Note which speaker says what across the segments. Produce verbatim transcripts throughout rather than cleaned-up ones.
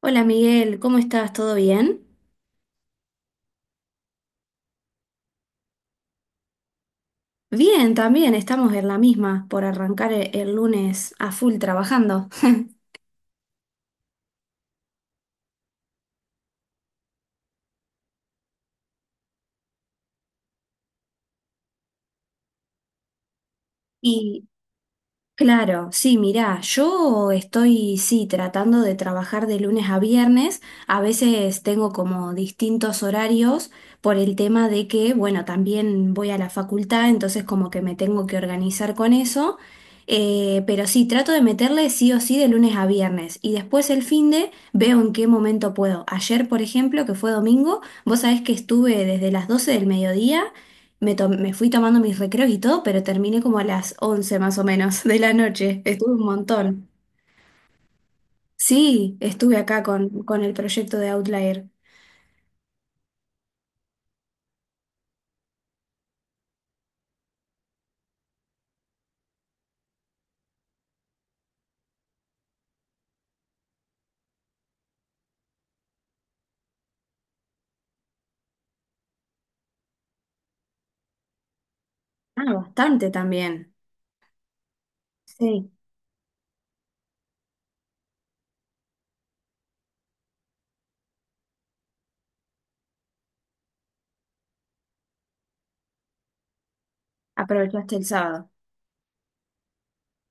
Speaker 1: Hola Miguel, ¿cómo estás? ¿Todo bien? Bien, también estamos en la misma por arrancar e- el lunes a full trabajando. Y claro, sí, mirá, yo estoy, sí, tratando de trabajar de lunes a viernes. A veces tengo como distintos horarios por el tema de que, bueno, también voy a la facultad, entonces como que me tengo que organizar con eso. Eh, pero sí, trato de meterle sí o sí de lunes a viernes. Y después el fin de veo en qué momento puedo. Ayer, por ejemplo, que fue domingo, vos sabés que estuve desde las doce del mediodía. Me, to- me fui tomando mis recreos y todo, pero terminé como a las once más o menos de la noche. Estuve un montón. Sí, estuve acá con, con el proyecto de Outlier. Ah, bastante también. Sí, aprovechaste el sábado.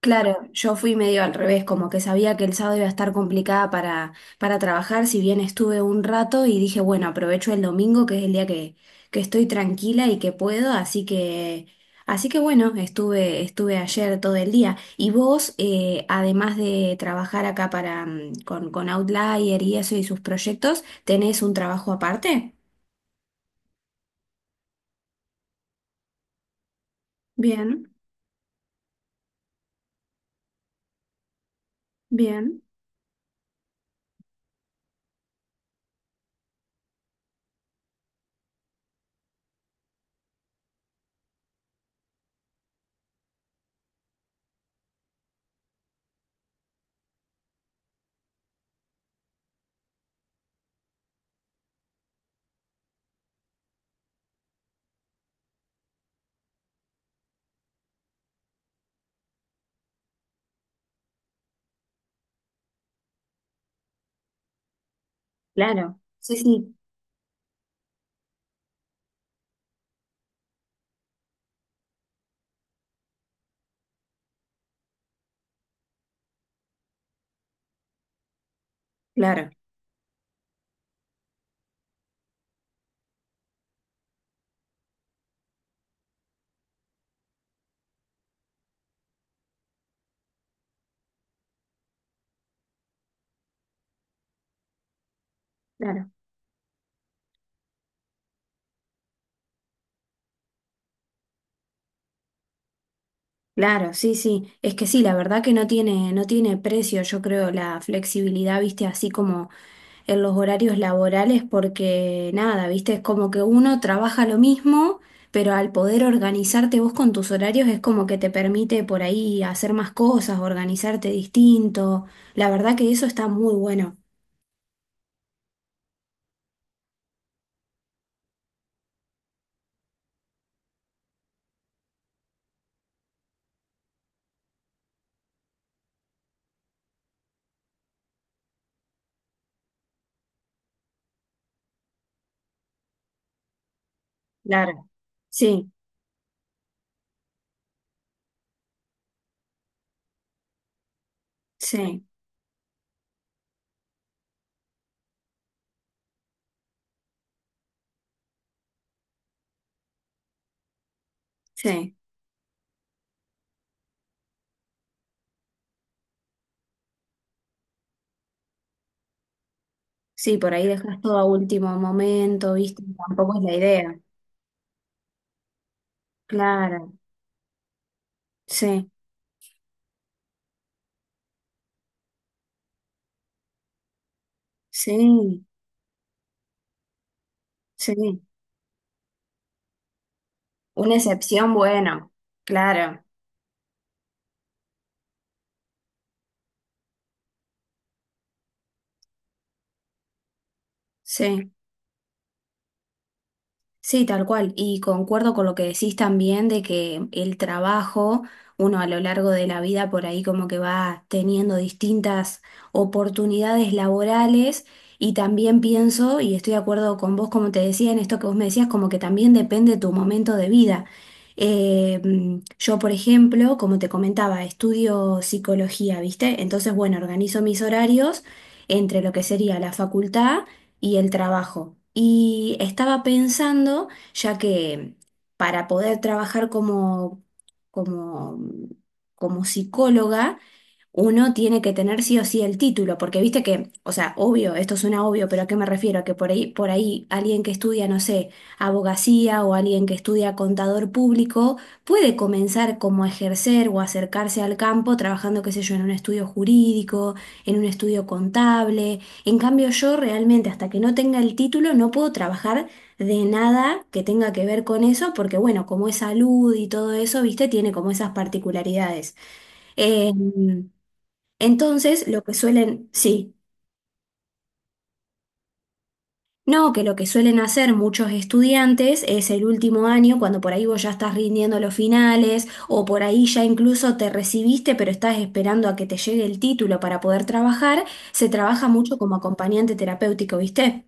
Speaker 1: Claro, yo fui medio al revés, como que sabía que el sábado iba a estar complicada para, para trabajar, si bien estuve un rato y dije, bueno, aprovecho el domingo, que es el día que, que estoy tranquila y que puedo, así que, así que bueno, estuve, estuve ayer todo el día. Y vos, eh, además de trabajar acá para, mm, con, con Outlier y eso y sus proyectos, ¿tenés un trabajo aparte? Bien, bien. Claro. Sí, sí, claro, claro. Claro, sí, sí. Es que sí, la verdad que no tiene, no tiene precio, yo creo, la flexibilidad, viste, así como en los horarios laborales, porque nada, viste, es como que uno trabaja lo mismo, pero al poder organizarte vos con tus horarios es como que te permite por ahí hacer más cosas, organizarte distinto. La verdad que eso está muy bueno. Claro. Sí, sí, sí. Sí, por ahí dejas todo a último momento, viste, tampoco es la idea. Claro, sí, sí. Sí, una excepción, bueno, claro, sí. Sí, tal cual. Y concuerdo con lo que decís también de que el trabajo, uno a lo largo de la vida por ahí como que va teniendo distintas oportunidades laborales y también pienso, y estoy de acuerdo con vos, como te decía, en esto que vos me decías, como que también depende tu momento de vida. Eh, mm, yo, por ejemplo, como te comentaba, estudio psicología, ¿viste? Entonces, bueno, organizo mis horarios entre lo que sería la facultad y el trabajo. Y estaba pensando, ya que para poder trabajar como, como, como psicóloga, uno tiene que tener sí o sí el título, porque viste que, o sea, obvio, esto suena obvio, pero ¿a qué me refiero? Que por ahí, por ahí alguien que estudia, no sé, abogacía o alguien que estudia contador público puede comenzar como a ejercer o acercarse al campo trabajando, qué sé yo, en un estudio jurídico, en un estudio contable en cambio, yo realmente hasta que no tenga el título no puedo trabajar de nada que tenga que ver con eso, porque bueno, como es salud y todo eso, viste, tiene como esas particularidades. Eh, entonces, lo que suelen, sí, no, que lo que suelen hacer muchos estudiantes es el último año, cuando por ahí vos ya estás rindiendo los finales, o por ahí ya incluso te recibiste, pero estás esperando a que te llegue el título para poder trabajar, se trabaja mucho como acompañante terapéutico, ¿viste?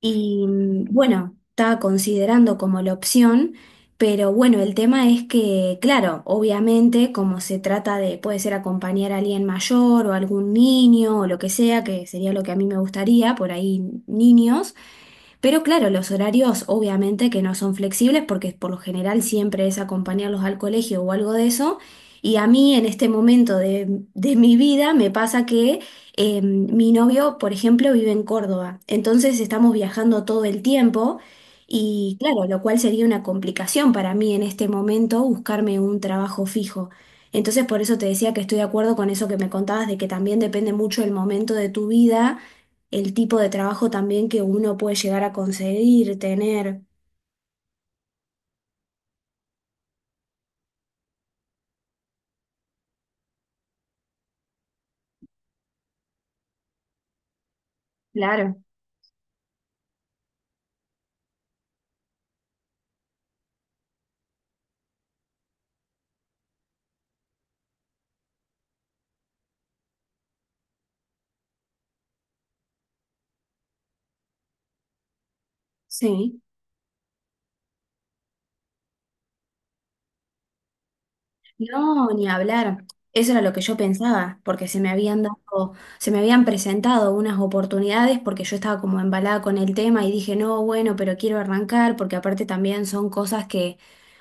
Speaker 1: Y mm, bueno, estaba considerando como la opción, pero bueno, el tema es que, claro, obviamente, como se trata de, puede ser acompañar a alguien mayor o algún niño o lo que sea, que sería lo que a mí me gustaría, por ahí niños. Pero claro, los horarios obviamente que no son flexibles porque por lo general siempre es acompañarlos al colegio o algo de eso. Y a mí en este momento de, de mi vida me pasa que eh, mi novio, por ejemplo, vive en Córdoba. Entonces estamos viajando todo el tiempo y claro, lo cual sería una complicación para mí en este momento buscarme un trabajo fijo. Entonces por eso te decía que estoy de acuerdo con eso que me contabas de que también depende mucho el momento de tu vida el tipo de trabajo también que uno puede llegar a conseguir, tener. Claro, sí. No, ni hablar. Eso era lo que yo pensaba, porque se me habían dado, se me habían presentado unas oportunidades porque yo estaba como embalada con el tema y dije, no, bueno, pero quiero arrancar, porque aparte también son cosas que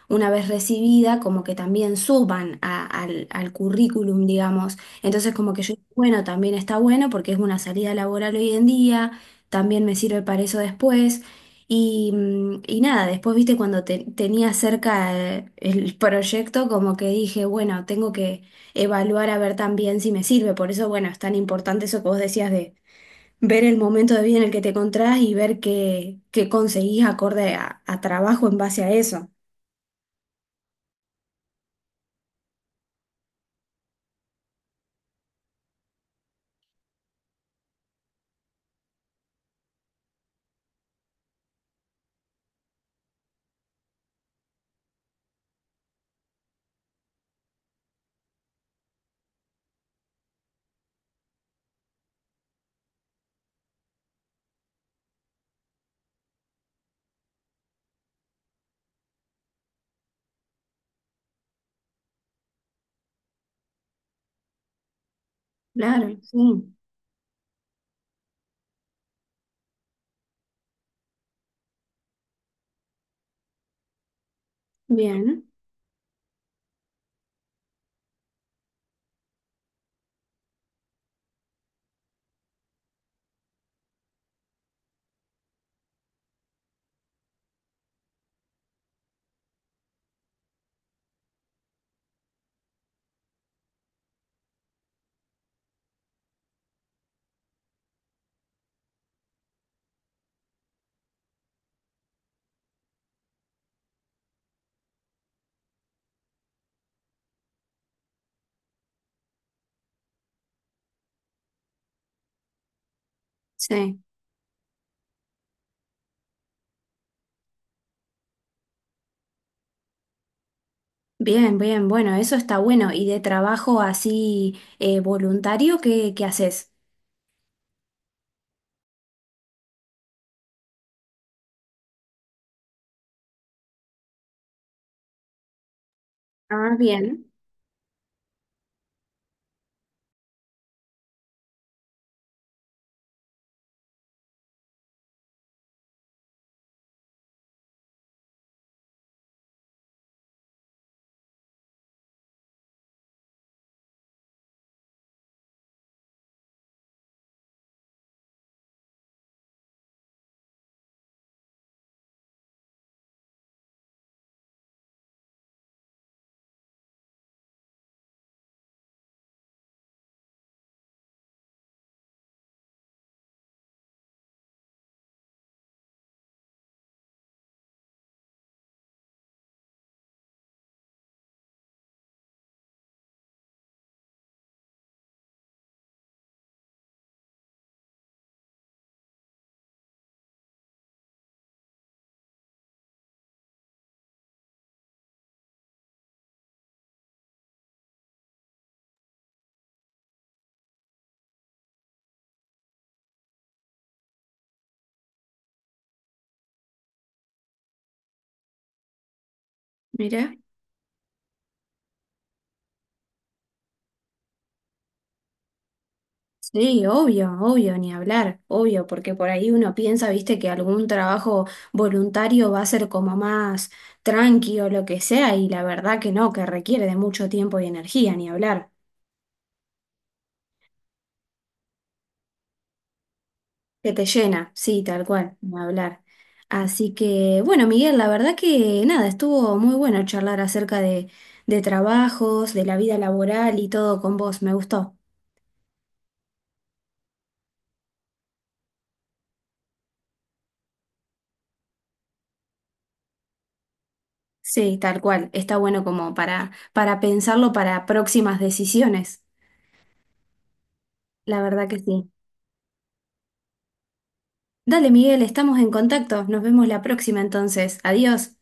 Speaker 1: una vez recibida, como que también suban a- al, al currículum, digamos. Entonces, como que yo, bueno, también está bueno porque es una salida laboral hoy en día, también me sirve para eso después. Y, mm, y nada, después, viste, cuando te- tenía cerca eh, el proyecto, como que dije, bueno, tengo que evaluar a ver también si me sirve. Por eso, bueno, es tan importante eso que vos decías de ver el momento de vida en el que te encontrás y ver qué, qué conseguís acorde a, a trabajo en base a eso. Claro, sí. Bien, sí. Bien, bien, bueno, eso está bueno. ¿Y de trabajo así eh, voluntario, qué, qué haces? Ah, bien, mira. Sí, obvio, obvio, ni hablar, obvio, porque por ahí uno piensa, viste, que algún trabajo voluntario va a ser como más tranqui o lo que sea, y la verdad que no, que requiere de mucho tiempo y energía, ni hablar, que te llena, sí, tal cual, ni hablar. Así que, bueno, Miguel, la verdad que nada, estuvo muy bueno charlar acerca de, de trabajos, de la vida laboral y todo con vos, me gustó. Sí, tal cual, está bueno como para, para pensarlo para próximas decisiones, la verdad que sí. Dale, Miguel, estamos en contacto. Nos vemos la próxima entonces. Adiós.